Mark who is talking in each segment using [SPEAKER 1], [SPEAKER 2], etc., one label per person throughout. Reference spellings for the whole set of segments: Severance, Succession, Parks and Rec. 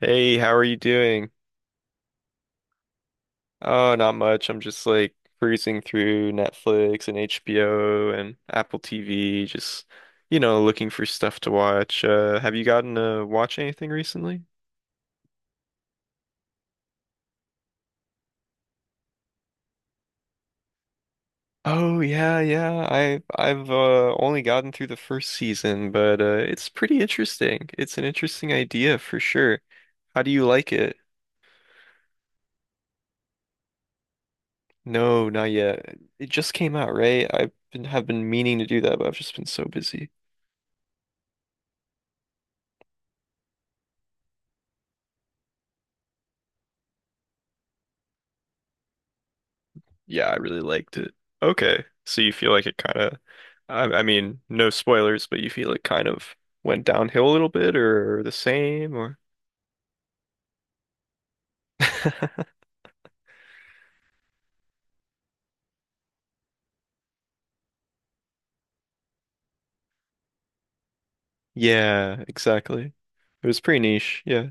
[SPEAKER 1] Hey, how are you doing? Oh, not much. I'm just like cruising through Netflix and HBO and Apple TV, just, you know, looking for stuff to watch. Have you gotten to watch anything recently? Oh yeah, yeah. I've only gotten through the first season, but it's pretty interesting. It's an interesting idea for sure. How do you like it? No, not yet. It just came out, right? I've been have been meaning to do that, but I've just been so busy. Yeah, I really liked it. Okay. So you feel like it kind of, I mean, no spoilers, but you feel it kind of went downhill a little bit or the same or Yeah, exactly. It was pretty niche. Yeah.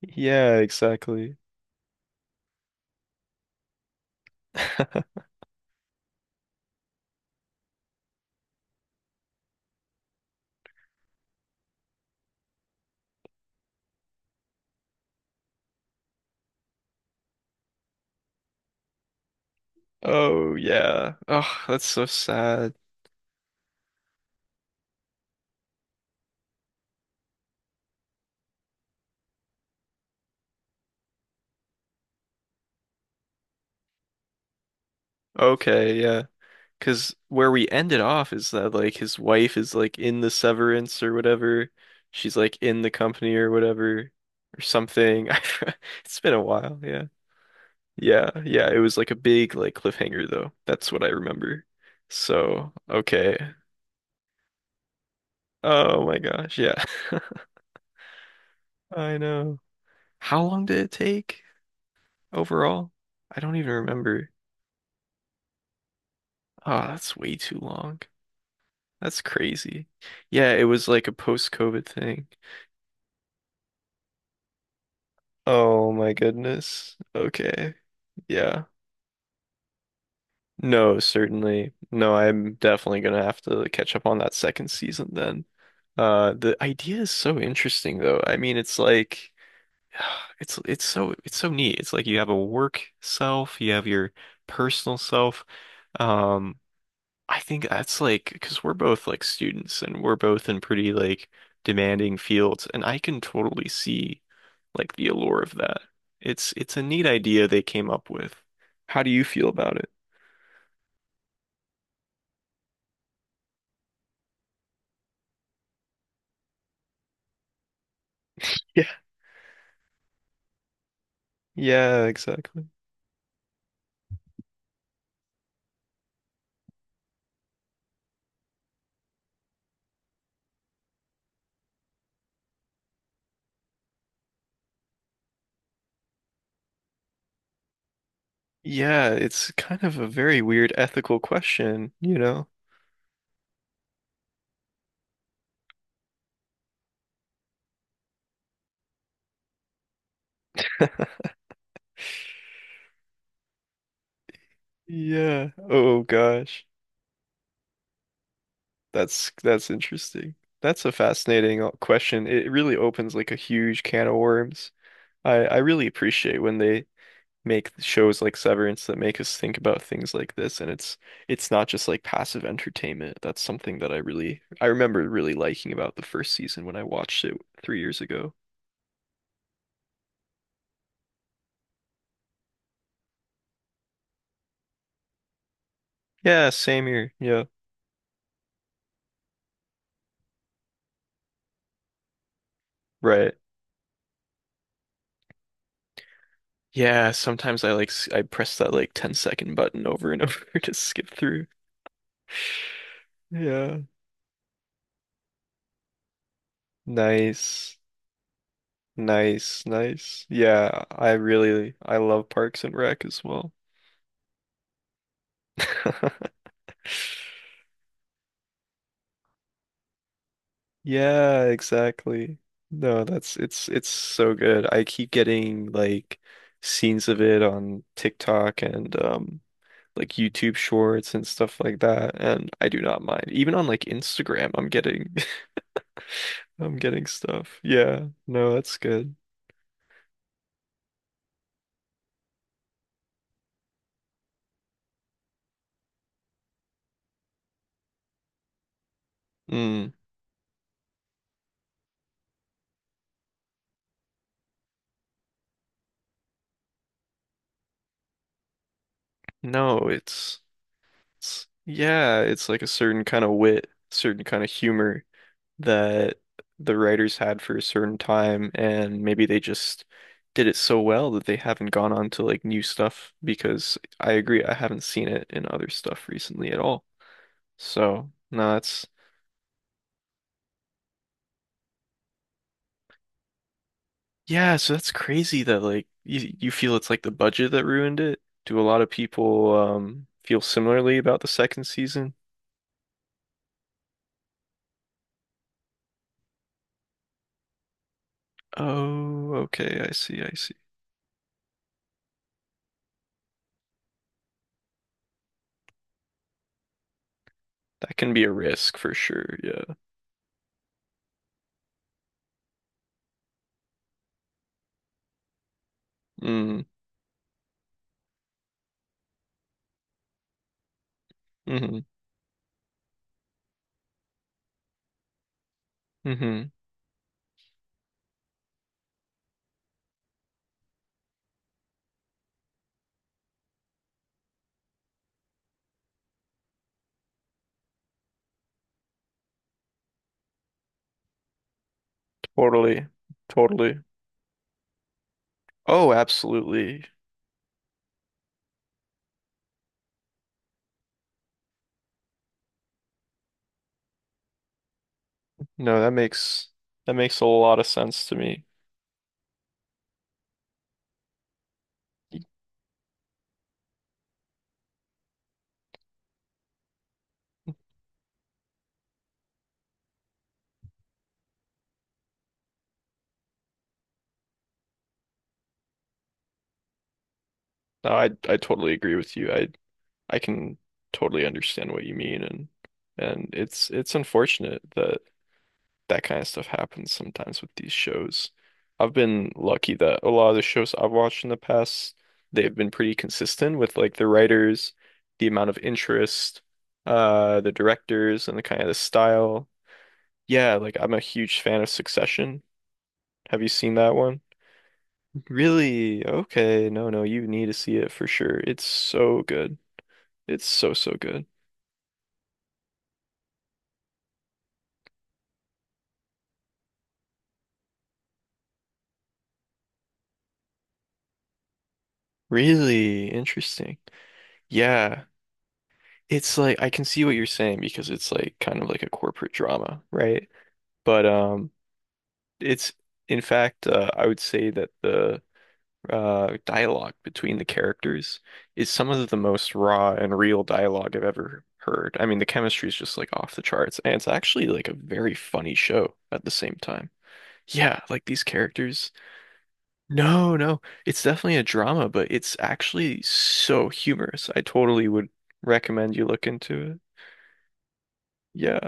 [SPEAKER 1] Yeah, exactly. Oh, yeah. Oh, that's so sad. Okay, yeah. 'Cause where we ended off is that like his wife is like in the severance or whatever. She's like in the company or whatever or something. It's been a while, yeah. Yeah, yeah, it was like a big like cliffhanger though. That's what I remember. So, okay. Oh my gosh, yeah. I know. How long did it take overall? I don't even remember. Oh, that's way too long. That's crazy. Yeah, it was like a post-COVID thing. Oh my goodness. Okay. Yeah. No, certainly. No, I'm definitely gonna have to like, catch up on that second season then. The idea is so interesting though. I mean, it's like it's so it's so neat. It's like you have a work self, you have your personal self. Um, I think that's like because we're both like students and we're both in pretty like demanding fields, and I can totally see like the allure of that. It's a neat idea they came up with. How do you feel about it? Yeah, exactly. Yeah, it's kind of a very weird ethical question, you know? Yeah. Oh gosh. That's interesting. That's a fascinating question. It really opens like a huge can of worms. I really appreciate when they make shows like Severance that make us think about things like this and it's not just like passive entertainment. That's something that I really I remember really liking about the first season when I watched it 3 years ago. Yeah, same here. Yeah. Right. Yeah, sometimes I like I press that like 10 second button over and over to skip through. Yeah. Nice. Nice, nice. Yeah, I really I love Parks and Rec as well. Yeah, exactly. No, that's it's so good. I keep getting like scenes of it on TikTok and like YouTube shorts and stuff like that, and I do not mind. Even on like Instagram, I'm getting stuff. Yeah, no, that's good. Mm. No, it's yeah, it's like a certain kind of wit, certain kind of humor that the writers had for a certain time, and maybe they just did it so well that they haven't gone on to like new stuff because I agree, I haven't seen it in other stuff recently at all. So, no, that's yeah, so that's crazy that like you feel it's like the budget that ruined it. Do a lot of people feel similarly about the second season? Oh, okay, I see, I see. That can be a risk for sure, yeah. Mm, mm-hmm, mm-hmm. Totally, totally. Oh, absolutely. No, that makes a lot of sense to me. No, I totally agree with you. I can totally understand what you mean and and it's unfortunate that that kind of stuff happens sometimes with these shows. I've been lucky that a lot of the shows I've watched in the past, they've been pretty consistent with like the writers, the amount of interest, the directors and the kind of the style. Yeah, like I'm a huge fan of Succession. Have you seen that one? Really? Okay. No, no, you need to see it for sure. It's so good. It's so, so good. Really interesting. Yeah. It's like I can see what you're saying because it's like kind of like a corporate drama, right? But it's in fact I would say that the dialogue between the characters is some of the most raw and real dialogue I've ever heard. I mean, the chemistry is just like off the charts and it's actually like a very funny show at the same time. Yeah, like these characters. No, no, it's definitely a drama, but it's actually so humorous. I totally would recommend you look into it. Yeah.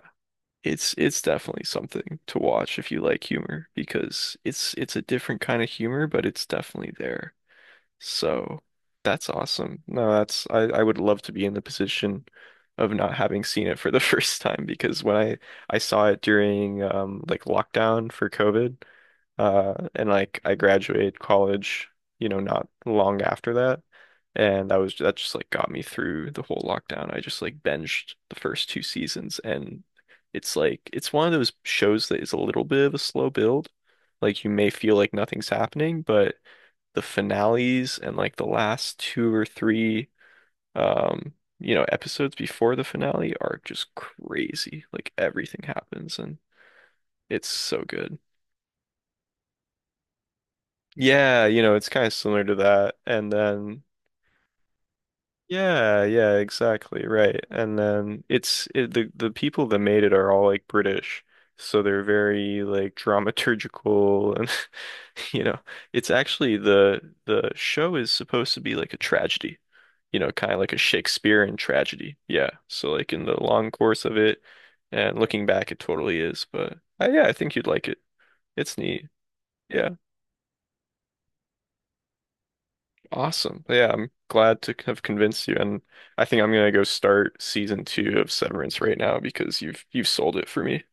[SPEAKER 1] It's definitely something to watch if you like humor because it's a different kind of humor, but it's definitely there. So that's awesome. No, that's I would love to be in the position of not having seen it for the first time because when I saw it during like lockdown for COVID, and like I graduated college, you know, not long after that. And that was that just like got me through the whole lockdown. I just like binged the first two seasons and it's one of those shows that is a little bit of a slow build. Like you may feel like nothing's happening, but the finales and like the last two or three you know, episodes before the finale are just crazy. Like everything happens and it's so good. Yeah, you know, it's kind of similar to that. And then yeah, exactly, right. And then it's it, the people that made it are all like British. So they're very like dramaturgical and you know, it's actually the show is supposed to be like a tragedy. You know, kind of like a Shakespearean tragedy. Yeah. So like in the long course of it and looking back it totally is, but yeah, I think you'd like it. It's neat. Yeah. Awesome. Yeah, I'm glad to have convinced you, and I think I'm gonna go start season two of Severance right now because you've sold it for me.